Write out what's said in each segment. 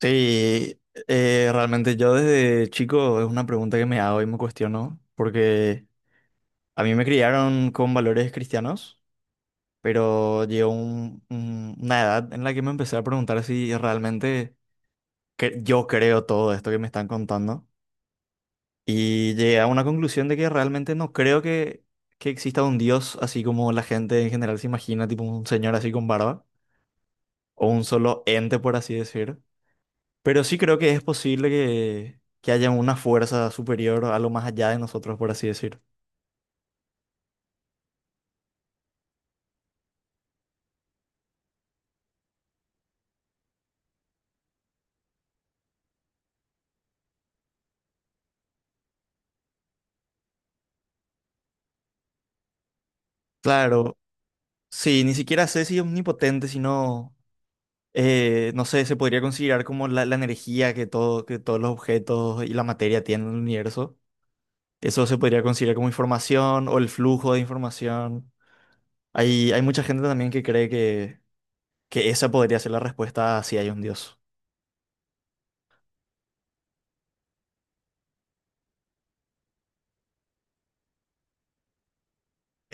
Sí, realmente yo desde chico es una pregunta que me hago y me cuestiono, porque a mí me criaron con valores cristianos, pero llegó una edad en la que me empecé a preguntar si realmente yo creo todo esto que me están contando y llegué a una conclusión de que realmente no creo que exista un Dios así como la gente en general se imagina, tipo un señor así con barba, o un solo ente, por así decir. Pero sí creo que es posible que haya una fuerza superior a lo más allá de nosotros, por así decir. Claro, sí, ni siquiera sé si es omnipotente, sino, no sé, se podría considerar como la energía que, todo, que todos los objetos y la materia tienen en el universo. Eso se podría considerar como información o el flujo de información. Hay mucha gente también que cree que esa podría ser la respuesta a si hay un Dios.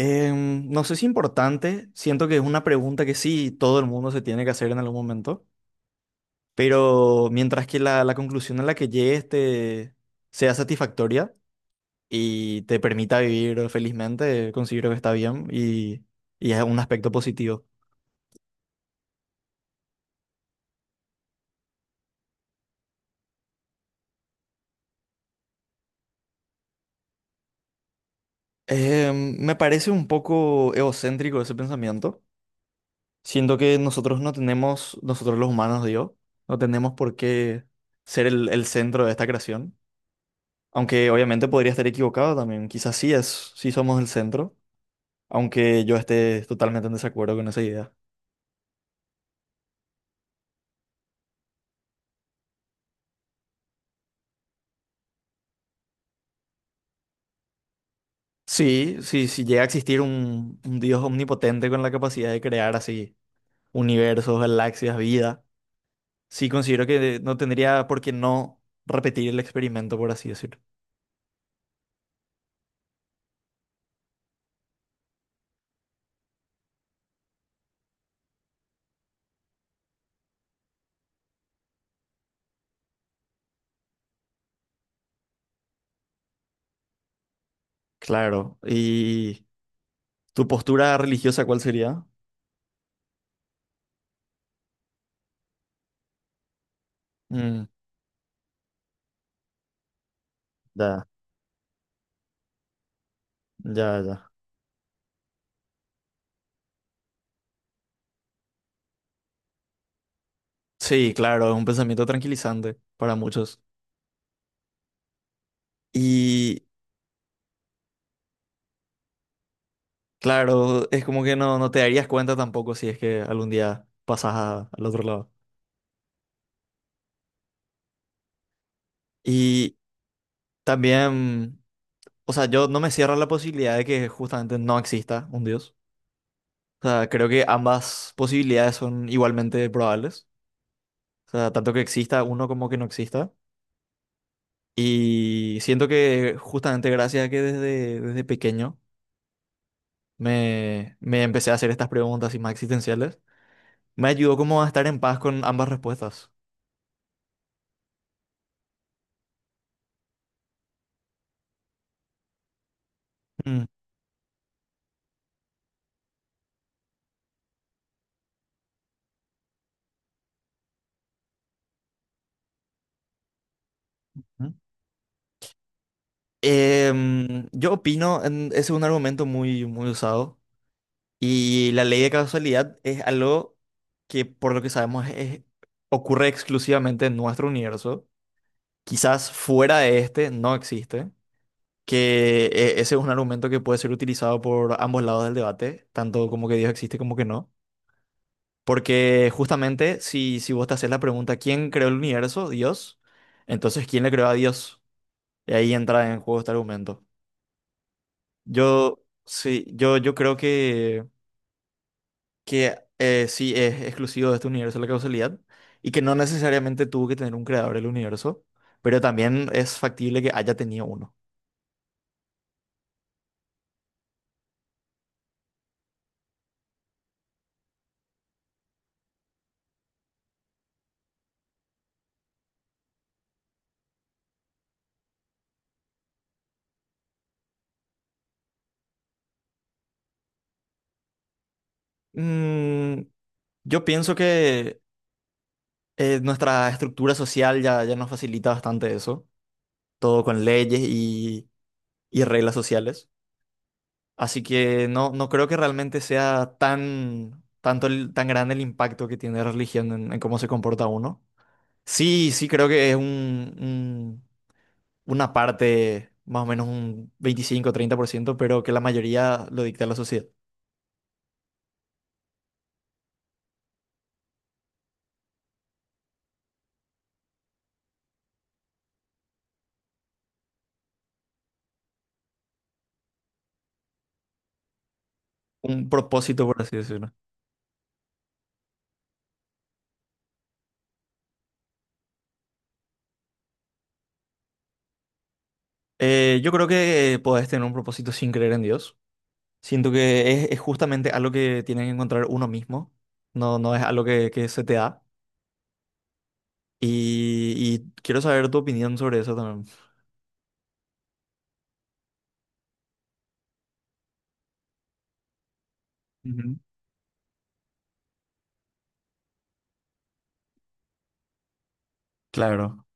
No sé si importante, siento que es una pregunta que sí todo el mundo se tiene que hacer en algún momento. Pero mientras que la conclusión a la que llegues te sea satisfactoria y te permita vivir felizmente, considero que está bien y es un aspecto positivo. Eh, Me parece un poco egocéntrico ese pensamiento. Siento que nosotros no tenemos, nosotros los humanos, digo, no tenemos por qué ser el centro de esta creación. Aunque obviamente podría estar equivocado también. Quizás sí es, sí somos el centro, aunque yo esté totalmente en desacuerdo con esa idea. Sí, sí, sí llega a existir un Dios omnipotente con la capacidad de crear así universos, galaxias, vida, sí considero que no tendría por qué no repetir el experimento, por así decirlo. Claro. ¿Y tu postura religiosa cuál sería? Mm, ya, ya, ya. Sí, claro, es un pensamiento tranquilizante para muchos. Y claro, es como que no, no te darías cuenta tampoco si es que algún día pasas al otro lado. Y también... O sea, yo no me cierro a la posibilidad de que justamente no exista un Dios. O sea, creo que ambas posibilidades son igualmente probables. O sea, tanto que exista uno como que no exista. Y siento que justamente gracias a que desde pequeño me empecé a hacer estas preguntas y más existenciales, me ayudó como a estar en paz con ambas respuestas. Mm, mm. Yo opino, es un argumento muy, muy usado. Y la ley de causalidad es algo que, por lo que sabemos, ocurre exclusivamente en nuestro universo. Quizás fuera de este no existe. Que ese es un argumento que puede ser utilizado por ambos lados del debate, tanto como que Dios existe como que no. Porque justamente si, si vos te haces la pregunta, ¿quién creó el universo? Dios. Entonces, ¿quién le creó a Dios? Y ahí entra en juego este argumento. Yo creo que sí es exclusivo de este universo la causalidad y que no necesariamente tuvo que tener un creador del universo, pero también es factible que haya tenido uno. Mm, yo pienso que nuestra estructura social ya nos facilita bastante eso, todo con leyes y reglas sociales. Así que no, no creo que realmente sea tan, tanto tan grande el impacto que tiene la religión en cómo se comporta uno. Sí, sí, creo que es una parte, más o menos un 25 a 30% pero que la mayoría lo dicta la sociedad. Un propósito, por así decirlo. Yo creo que podés tener un propósito sin creer en Dios. Siento que es justamente algo que tiene que encontrar uno mismo. No, no es algo que se te da. Y quiero saber tu opinión sobre eso también. Ujú. Claro,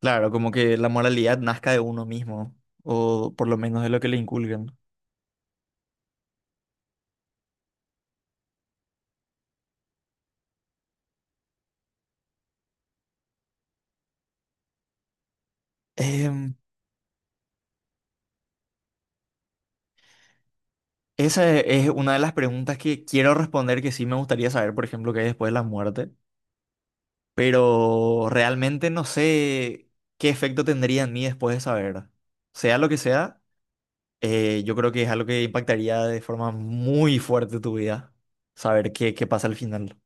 claro, como que la moralidad nazca de uno mismo, o por lo menos de lo que le inculcan. Esa es una de las preguntas que quiero responder, que sí me gustaría saber, por ejemplo, qué hay después de la muerte, pero realmente no sé qué efecto tendría en mí después de saber. Sea lo que sea, yo creo que es algo que impactaría de forma muy fuerte tu vida, saber qué, qué pasa al final.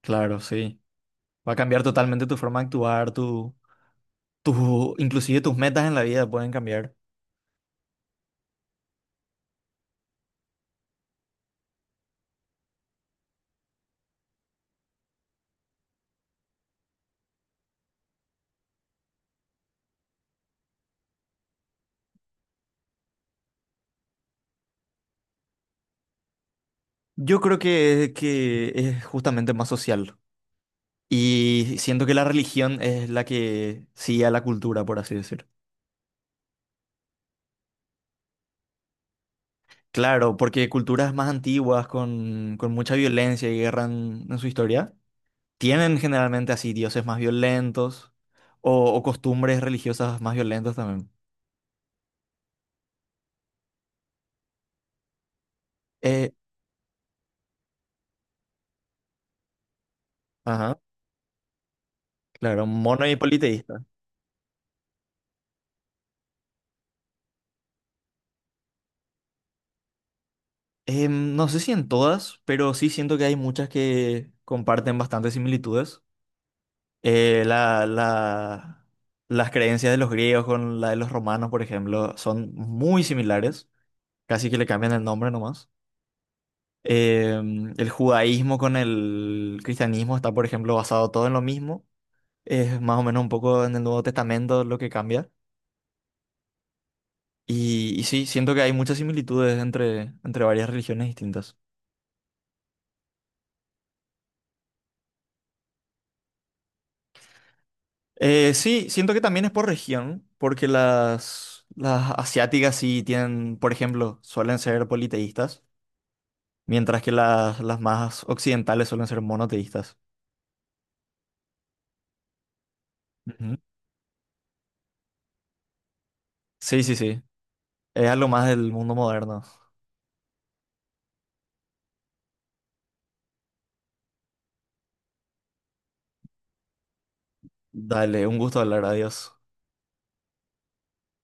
Claro, sí. Va a cambiar totalmente tu forma de actuar, tu, inclusive tus metas en la vida pueden cambiar. Yo creo que es justamente más social. Y siento que la religión es la que sigue a la cultura, por así decir. Claro, porque culturas más antiguas, con mucha violencia y guerra en su historia, tienen generalmente así dioses más violentos o costumbres religiosas más violentas también. Eh, ajá, claro, mono y politeísta. No sé si en todas, pero sí siento que hay muchas que comparten bastantes similitudes. eh, la, la- las creencias de los griegos con la de los romanos, por ejemplo, son muy similares, casi que le cambian el nombre nomás. El judaísmo con el cristianismo está, por ejemplo, basado todo en lo mismo. Es más o menos un poco en el Nuevo Testamento lo que cambia. Y sí, siento que hay muchas similitudes entre, entre varias religiones distintas. Sí, siento que también es por región, porque las asiáticas sí tienen, por ejemplo, suelen ser politeístas. Mientras que las más occidentales suelen ser monoteístas. Ujú. Sí, sí, sí. Es algo más del mundo moderno. Dale, un gusto hablar, adiós.